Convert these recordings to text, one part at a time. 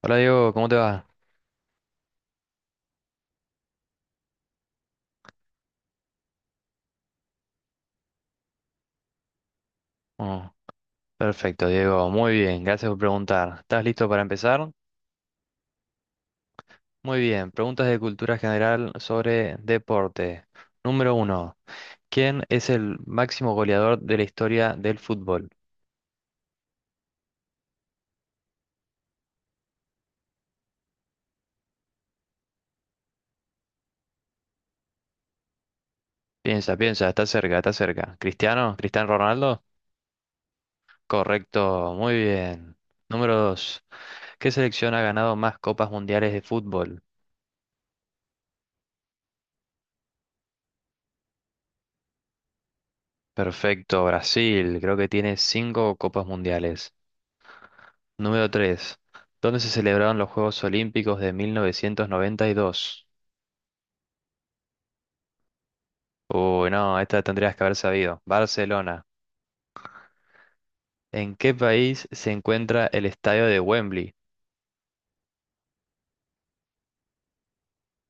Hola Diego, ¿cómo te va? Oh, perfecto, Diego, muy bien, gracias por preguntar. ¿Estás listo para empezar? Muy bien, preguntas de cultura general sobre deporte. Número uno, ¿quién es el máximo goleador de la historia del fútbol? Piensa, piensa, está cerca, está cerca. ¿Cristiano? ¿Cristiano Ronaldo? Correcto, muy bien. Número dos, ¿qué selección ha ganado más copas mundiales de fútbol? Perfecto, Brasil, creo que tiene cinco copas mundiales. Número 3. ¿Dónde se celebraron los Juegos Olímpicos de 1992? Uy, no, esta tendrías que haber sabido. Barcelona. ¿En qué país se encuentra el estadio de Wembley?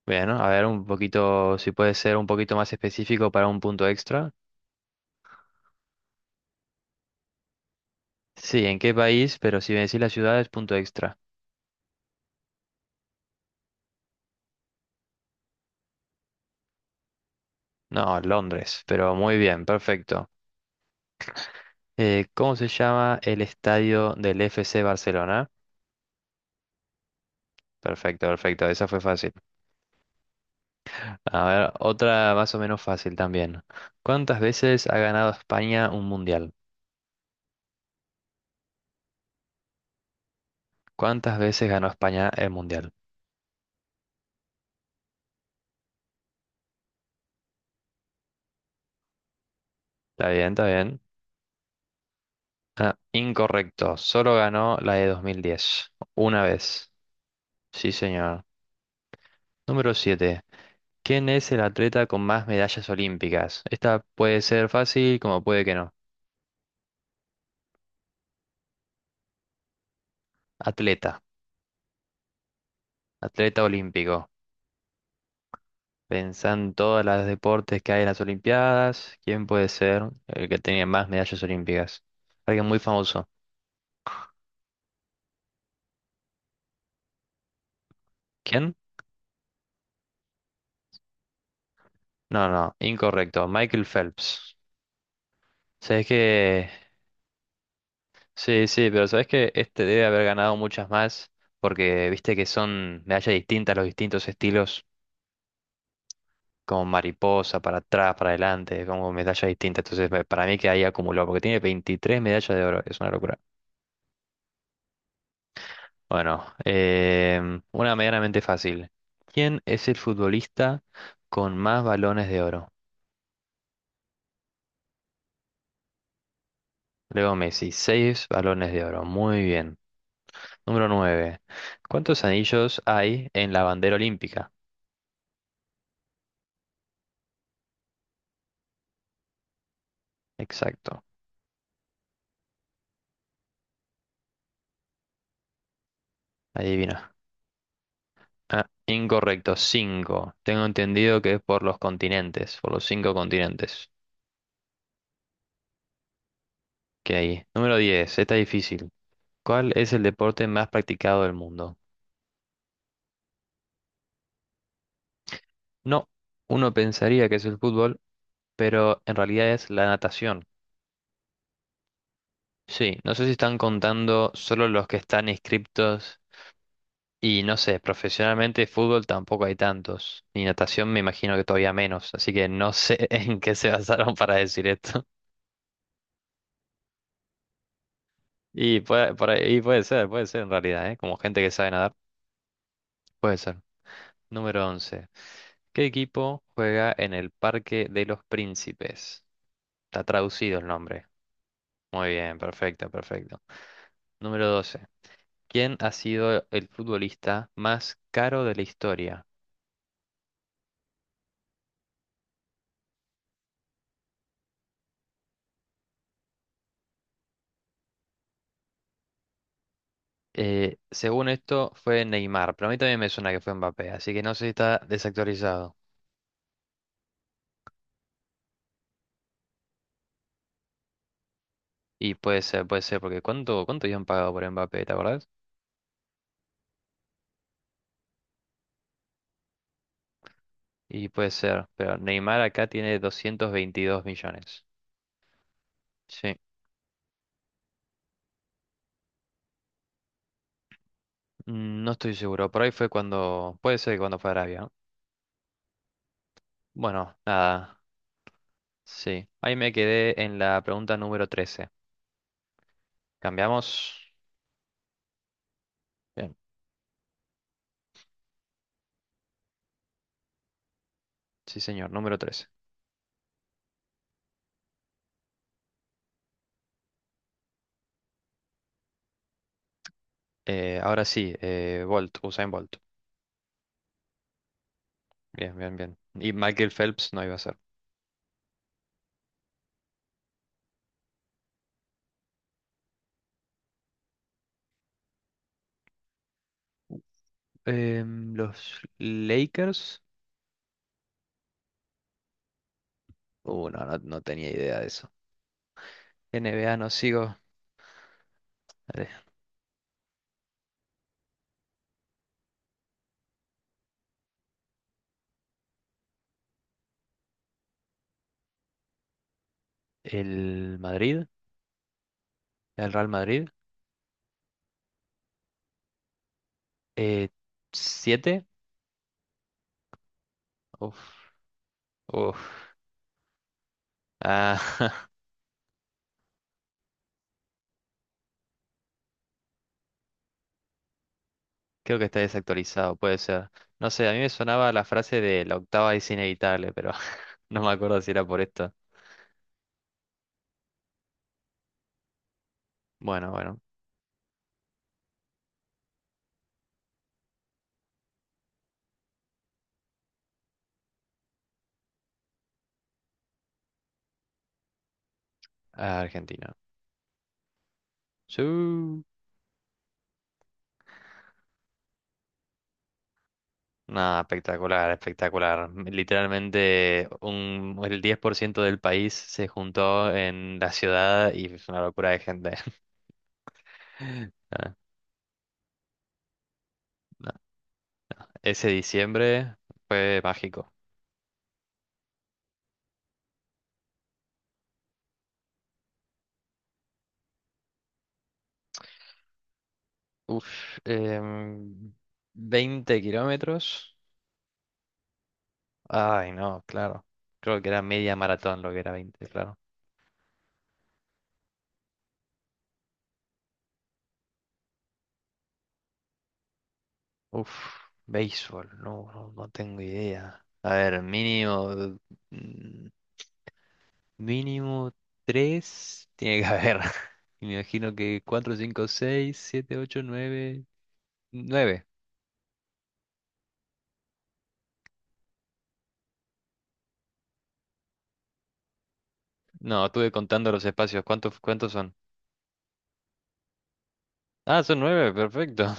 Bueno, a ver un poquito, si puede ser un poquito más específico para un punto extra. Sí, ¿en qué país? Pero si me decís la ciudad es punto extra. No, Londres, pero muy bien, perfecto. ¿Cómo se llama el estadio del FC Barcelona? Perfecto, perfecto, esa fue fácil. A ver, otra más o menos fácil también. ¿Cuántas veces ha ganado España un mundial? ¿Cuántas veces ganó España el mundial? Está bien, está bien. Ah, incorrecto. Solo ganó la de 2010. Una vez. Sí, señor. Número siete. ¿Quién es el atleta con más medallas olímpicas? Esta puede ser fácil como puede que no. Atleta. Atleta olímpico. Pensá en todos los deportes que hay en las Olimpiadas. ¿Quién puede ser el que tenía más medallas olímpicas? Alguien muy famoso. ¿Quién? No, no, incorrecto. Michael Phelps. Sabes que. Sí, sí, pero sabes que este debe haber ganado muchas más. Porque viste que son medallas distintas, los distintos estilos. Como mariposa, para atrás, para adelante, como medallas distintas. Entonces, para mí que ahí acumuló. Porque tiene 23 medallas de oro. Es una locura. Bueno, una medianamente fácil. ¿Quién es el futbolista con más balones de oro? Leo Messi, seis balones de oro. Muy bien. Número 9. ¿Cuántos anillos hay en la bandera olímpica? Exacto. Adivina. Ah, incorrecto. 5. Tengo entendido que es por los continentes, por los cinco continentes que hay. Número 10. Está difícil. ¿Cuál es el deporte más practicado del mundo? No. Uno pensaría que es el fútbol, pero en realidad es la natación. Sí, no sé si están contando solo los que están inscriptos. Y no sé, profesionalmente fútbol tampoco hay tantos. Y natación me imagino que todavía menos. Así que no sé en qué se basaron para decir esto. Y puede, y puede ser en realidad, ¿eh? Como gente que sabe nadar, puede ser. Número once. ¿Qué equipo juega en el Parque de los Príncipes? Está traducido el nombre. Muy bien, perfecto, perfecto. Número doce. ¿Quién ha sido el futbolista más caro de la historia? Según esto, fue Neymar, pero a mí también me suena que fue Mbappé, así que no sé si está desactualizado. Y puede ser, porque ¿cuánto, cuánto habían pagado por Mbappé, te acordás? Y puede ser, pero Neymar acá tiene 222 millones. Sí. Mm, no estoy seguro, por ahí fue cuando, puede ser que cuando fue a Arabia, ¿no? Bueno, nada, sí. Ahí me quedé en la pregunta número 13. ¿Cambiamos? Bien, sí señor, número 13. Ahora sí, Bolt, Usain Bolt. Bien, bien, bien. Y Michael Phelps no iba a ser. Los Lakers. No, no, no tenía idea de eso. NBA no sigo. Eh, El Madrid, el Real Madrid. Eh, ¿Siete? Uf, uf. Ah, creo que está desactualizado, puede ser. No sé, a mí me sonaba la frase de la octava es inevitable, pero no me acuerdo si era por esto. Bueno, bueno. Argentina. Sí. Nada, espectacular, espectacular. Literalmente un, el 10 por ciento del país se juntó en la ciudad y es una locura de gente. Ah, no. Ese diciembre fue mágico. Uf, em, 20 kilómetros. Ay, no, claro. Creo que era media maratón lo que era 20, claro. Uf, béisbol, no, no, no tengo idea. A ver, mínimo. Mínimo tres tiene que haber. Y me imagino que cuatro, cinco, seis, siete, ocho, nueve, nueve. No, estuve contando los espacios. ¿Cuántos, cuántos son? Ah, son nueve, perfecto.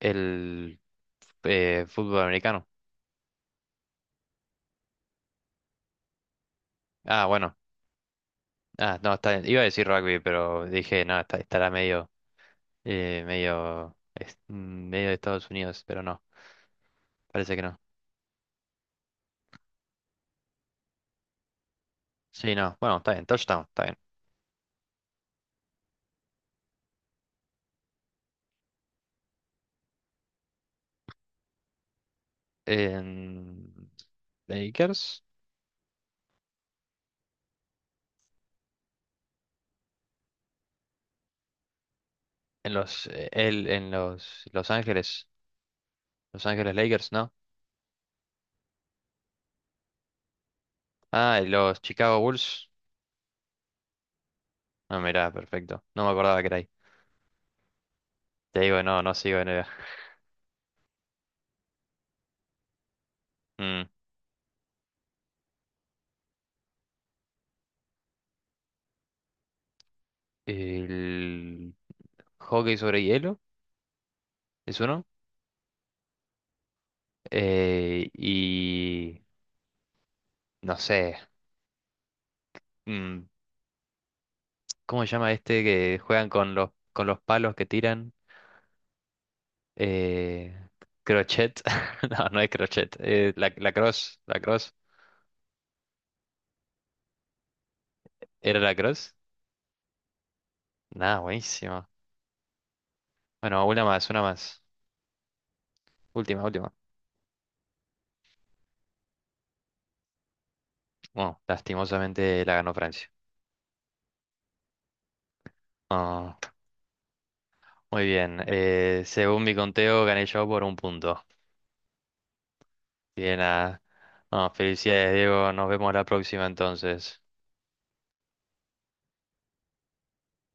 El fútbol americano. Ah, bueno. Ah, no, está bien. Iba a decir rugby, pero dije, no, estará medio, medio, medio de Estados Unidos, pero no, parece que no. Sí, no, bueno, está bien, touchdown, está bien. En- Lakers. En los, en los Los Ángeles, Los Ángeles Lakers, ¿no? Ah, y los Chicago Bulls. No, mirá, perfecto. No me acordaba que era ahí. Te digo, no, no sigo en el... Mm. El hockey sobre hielo es uno. Y no sé. mm, ¿Cómo se llama este que juegan con los palos que tiran? Eh, crochet. No, no es crochet. La cross. La cross. ¿Era la cross? Nada, buenísimo. Bueno, una más, una más. Última, última. Bueno, lastimosamente la ganó Francia. Ah, muy bien. Según mi conteo, gané yo por un punto. Bien, nada. Ah, felicidades, Diego. Nos vemos la próxima entonces.